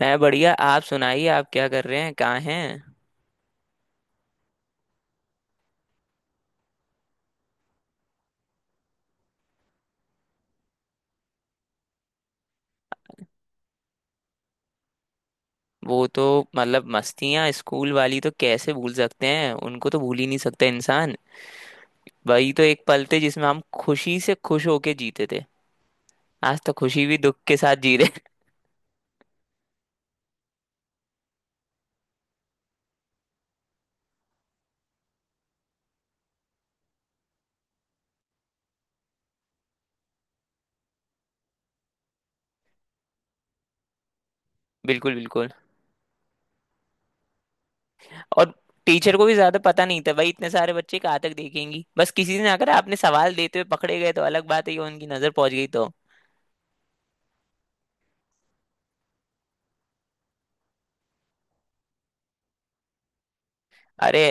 मैं बढ़िया। आप सुनाइए आप क्या कर रहे हैं, कहाँ हैं? वो तो मतलब मस्तियाँ स्कूल वाली तो कैसे भूल सकते हैं, उनको तो भूल ही नहीं सकते इंसान। वही तो एक पल थे जिसमें हम खुशी से खुश होके जीते थे। आज तो खुशी भी दुख के साथ जी रहे हैं। बिल्कुल बिल्कुल। और टीचर को भी ज्यादा पता नहीं था भाई, इतने सारे बच्चे कहाँ तक देखेंगी, बस किसी ने आकर आपने सवाल देते हुए पकड़े गए तो अलग बात है कि उनकी नजर पहुंच गई तो। अरे,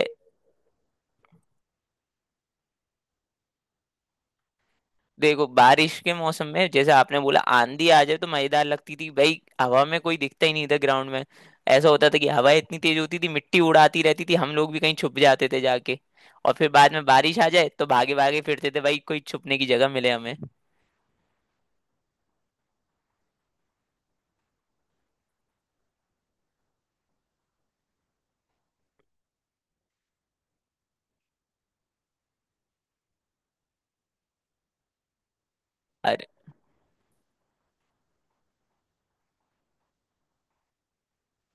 देखो बारिश के मौसम में जैसे आपने बोला आंधी आ जाए तो मजेदार लगती थी भाई, हवा में कोई दिखता ही नहीं था ग्राउंड में। ऐसा होता था कि हवा इतनी तेज होती थी, मिट्टी उड़ाती रहती थी, हम लोग भी कहीं छुप जाते थे जाके। और फिर बाद में बारिश आ जाए तो भागे भागे फिरते थे भाई, कोई छुपने की जगह मिले हमें।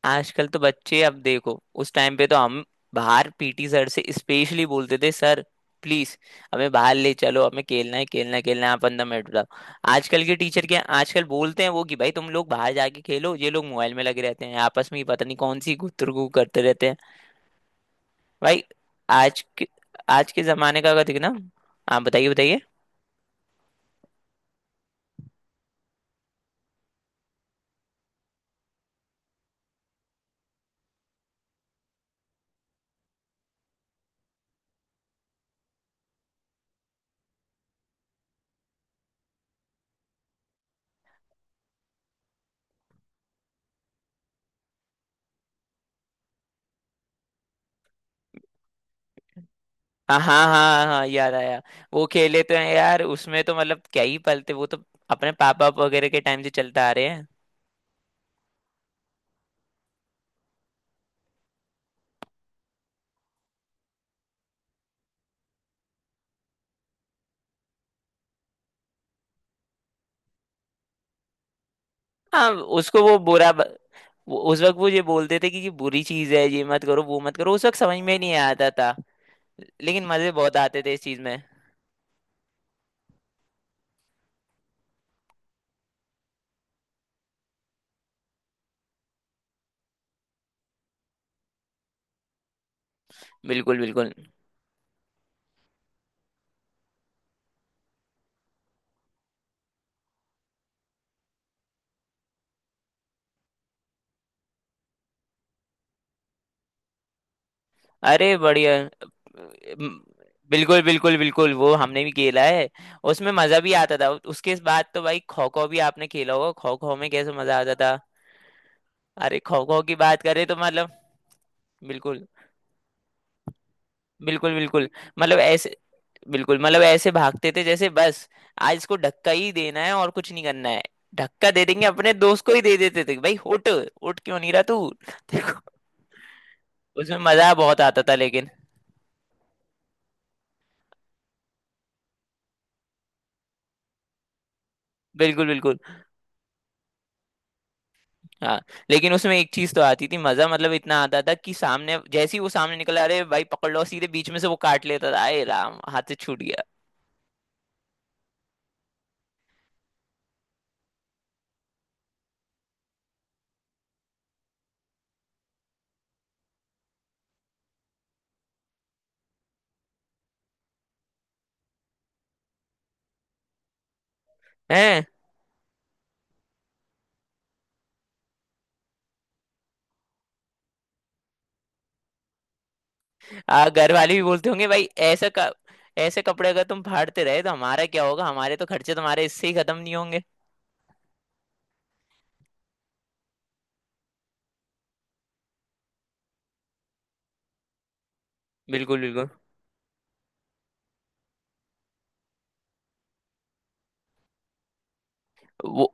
आजकल तो बच्चे, अब देखो उस टाइम पे तो हम बाहर पीटी सर से स्पेशली बोलते थे, सर प्लीज हमें बाहर ले चलो, हमें खेलना है खेलना है खेलना है, आप अंदर मिनट बताओ। आजकल के टीचर क्या आजकल बोलते हैं वो कि भाई तुम लोग बाहर जाके खेलो, ये लोग मोबाइल में लगे रहते हैं आपस में ही, पता नहीं कौन सी गुतरगू करते रहते हैं भाई। आज के आज के जमाने का अगर देखना। आप बताइए बताइए। हाँ हाँ हाँ हाँ हाँ, याद आया। वो खेले तो हैं यार, उसमें तो मतलब क्या ही पलते, वो तो अपने पापा वगैरह के टाइम से चलता आ रहे हैं। हाँ। उसको वो बुरा ब- वो- उस वक्त वो ये बोलते थे कि ये बुरी चीज है, ये मत करो वो मत करो, उस वक्त समझ में नहीं आता था। लेकिन मजे बहुत आते थे इस चीज में। बिल्कुल बिल्कुल। अरे बढ़िया। म- बिल्कुल बिल्कुल बिल्कुल, वो हमने भी खेला है। उसमें मजा भी आता था। उसके बाद तो भाई खो खो भी आपने खेला होगा, खो खो में कैसे मजा आता था। अरे खो खो की बात करें तो मतलब बिल्कुल। बिल्कुल बिल्कुल मतलब ऐसे, बिल्कुल मतलब ऐसे भागते थे जैसे बस आज इसको धक्का ही देना है और कुछ नहीं करना है। धक्का दे देंगे, अपने दोस्त को ही दे देते थे भाई, उठ उठ क्यों नहीं रहा तू। देखो। उसमें मजा बहुत आता था लेकिन। बिल्कुल बिल्कुल। हाँ। लेकिन उसमें एक चीज तो आती थी, मजा मतलब इतना आता था कि सामने जैसे ही वो सामने निकला अरे भाई पकड़ लो, सीधे बीच में से वो काट लेता था, आए राम हाथ से छूट गया है। आ घर वाले भी बोलते होंगे भाई ऐसा ऐसे कपड़े अगर तुम फाड़ते रहे तो हमारा क्या होगा, हमारे तो खर्चे तुम्हारे इससे ही खत्म नहीं होंगे। बिल्कुल बिल्कुल। वो,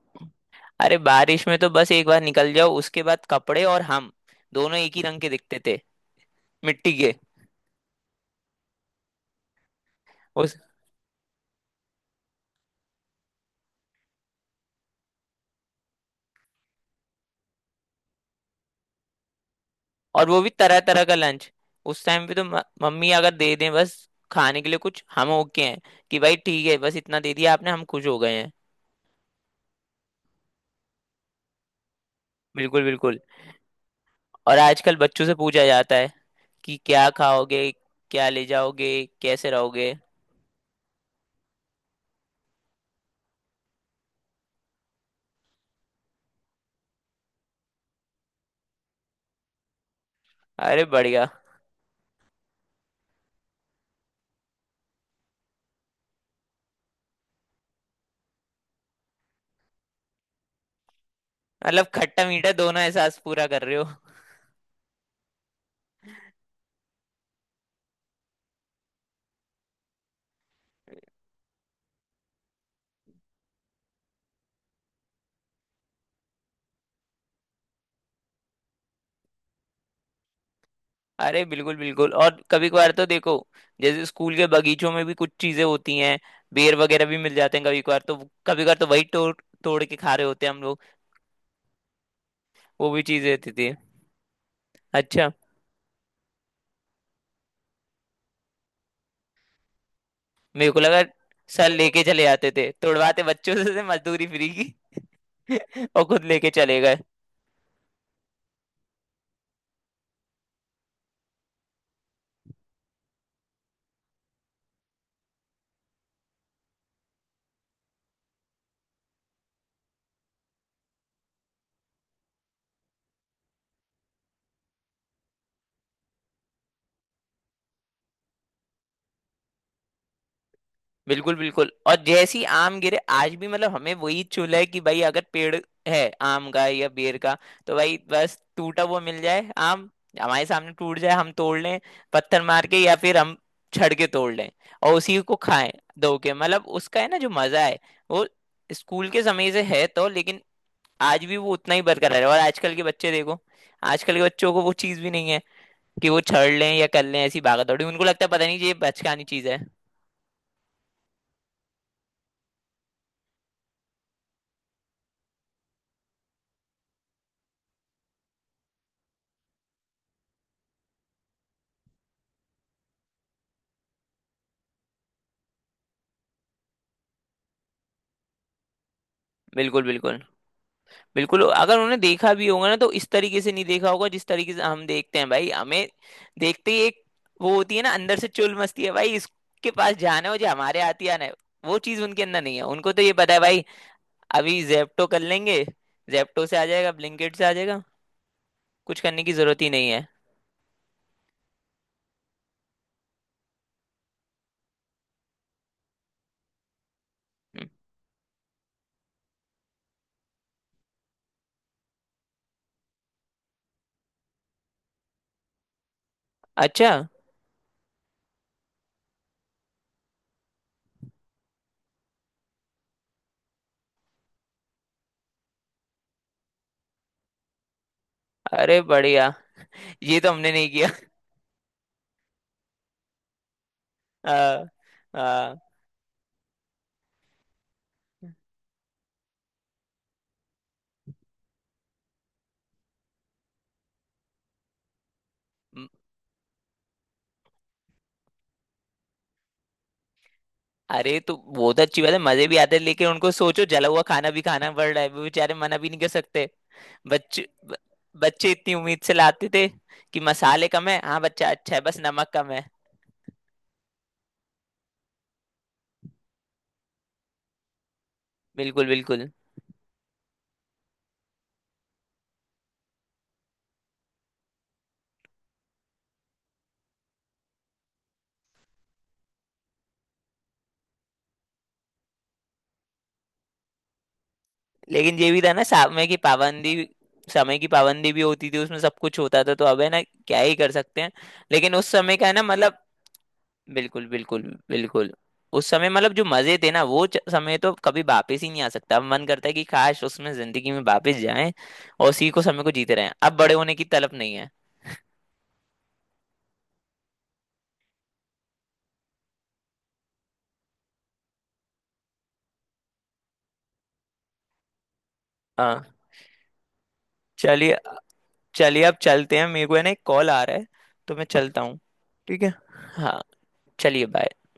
अरे बारिश में तो बस एक बार निकल जाओ, उसके बाद कपड़े और हम दोनों एक ही रंग के दिखते थे, मिट्टी के। उस और वो भी तरह तरह का लंच। उस टाइम पे तो मम्मी अगर दे दें बस, खाने के लिए कुछ हम ओके हैं कि भाई ठीक है बस इतना दे दिया आपने, हम खुश हो गए हैं। बिल्कुल बिल्कुल। और आजकल बच्चों से पूछा जाता है कि क्या खाओगे, क्या ले जाओगे, कैसे रहोगे। अरे बढ़िया। मतलब खट्टा मीठा दोनों एहसास पूरा कर रहे हो। अरे बिल्कुल बिल्कुल। और कभी कभार तो देखो, जैसे स्कूल के बगीचों में भी कुछ चीजें होती हैं, बेर वगैरह भी मिल जाते हैं कभी कभार तो। कभी कभार तो वही तोड़ तोड़ के खा रहे होते हैं हम लोग। वो भी चीजें होती थी। अच्छा, मेरे को लगा सर लेके चले जाते थे, तोड़वाते बच्चों से मजदूरी फ्री की। और खुद लेके चले गए। बिल्कुल बिल्कुल। और जैसी आम गिरे आज भी, मतलब हमें वही चूल है कि भाई अगर पेड़ है आम का या बेर का, तो भाई बस टूटा हुआ मिल जाए आम, हमारे सामने टूट जाए हम तोड़ लें, पत्थर मार के या फिर हम छड़ के तोड़ लें, और उसी को खाएं धो के। मतलब उसका है ना जो मजा है, वो स्कूल के समय से है तो, लेकिन आज भी वो उतना ही बरकरार है। और आजकल के बच्चे देखो, आजकल के बच्चों को वो चीज भी नहीं है कि वो छड़ लें या कर लें ऐसी भागा दौड़ी, उनको लगता है पता नहीं ये बचकानी चीज है। बिल्कुल बिल्कुल बिल्कुल। अगर उन्होंने देखा भी होगा ना, तो इस तरीके से नहीं देखा होगा जिस तरीके से हम देखते हैं, भाई हमें देखते ही एक वो होती है ना अंदर से, चुल मस्ती है भाई इसके पास जाना हो जो हमारे आती आना है। वो चीज उनके अंदर नहीं है, उनको तो ये पता है भाई अभी जेप्टो कर लेंगे, जेप्टो से आ जाएगा, ब्लिंकिट से आ जाएगा, कुछ करने की जरूरत ही नहीं है। हम्म। अच्छा। अरे बढ़िया। ये तो हमने नहीं किया। हाँ। हाँ। अरे तो वो तो अच्छी बात है, मजे भी आते हैं, लेकिन उनको सोचो जला हुआ खाना भी खाना पड़ रहा है, वो बेचारे मना भी नहीं कर सकते। बच्चे ब- बच्चे इतनी उम्मीद से लाते थे कि मसाले कम है, हाँ बच्चा अच्छा है बस नमक कम है। बिल्कुल बिल्कुल। लेकिन ये भी था ना, समय की पाबंदी। समय की पाबंदी भी होती थी उसमें, सब कुछ होता था तो, अब है ना क्या ही कर सकते हैं। लेकिन उस समय का है ना मतलब, बिल्कुल बिल्कुल बिल्कुल। उस समय मतलब जो मजे थे ना, वो समय तो कभी वापस ही नहीं आ सकता। अब मन करता है कि काश उसमें जिंदगी में वापस जाएं, और उसी को समय को जीते रहें, अब बड़े होने की तलब नहीं है। हाँ। चलिए। चलिए अब चलते हैं, मेरे को है ना एक कॉल आ रहा है, तो मैं चलता हूँ। ठीक है। हाँ। चलिए, बाय।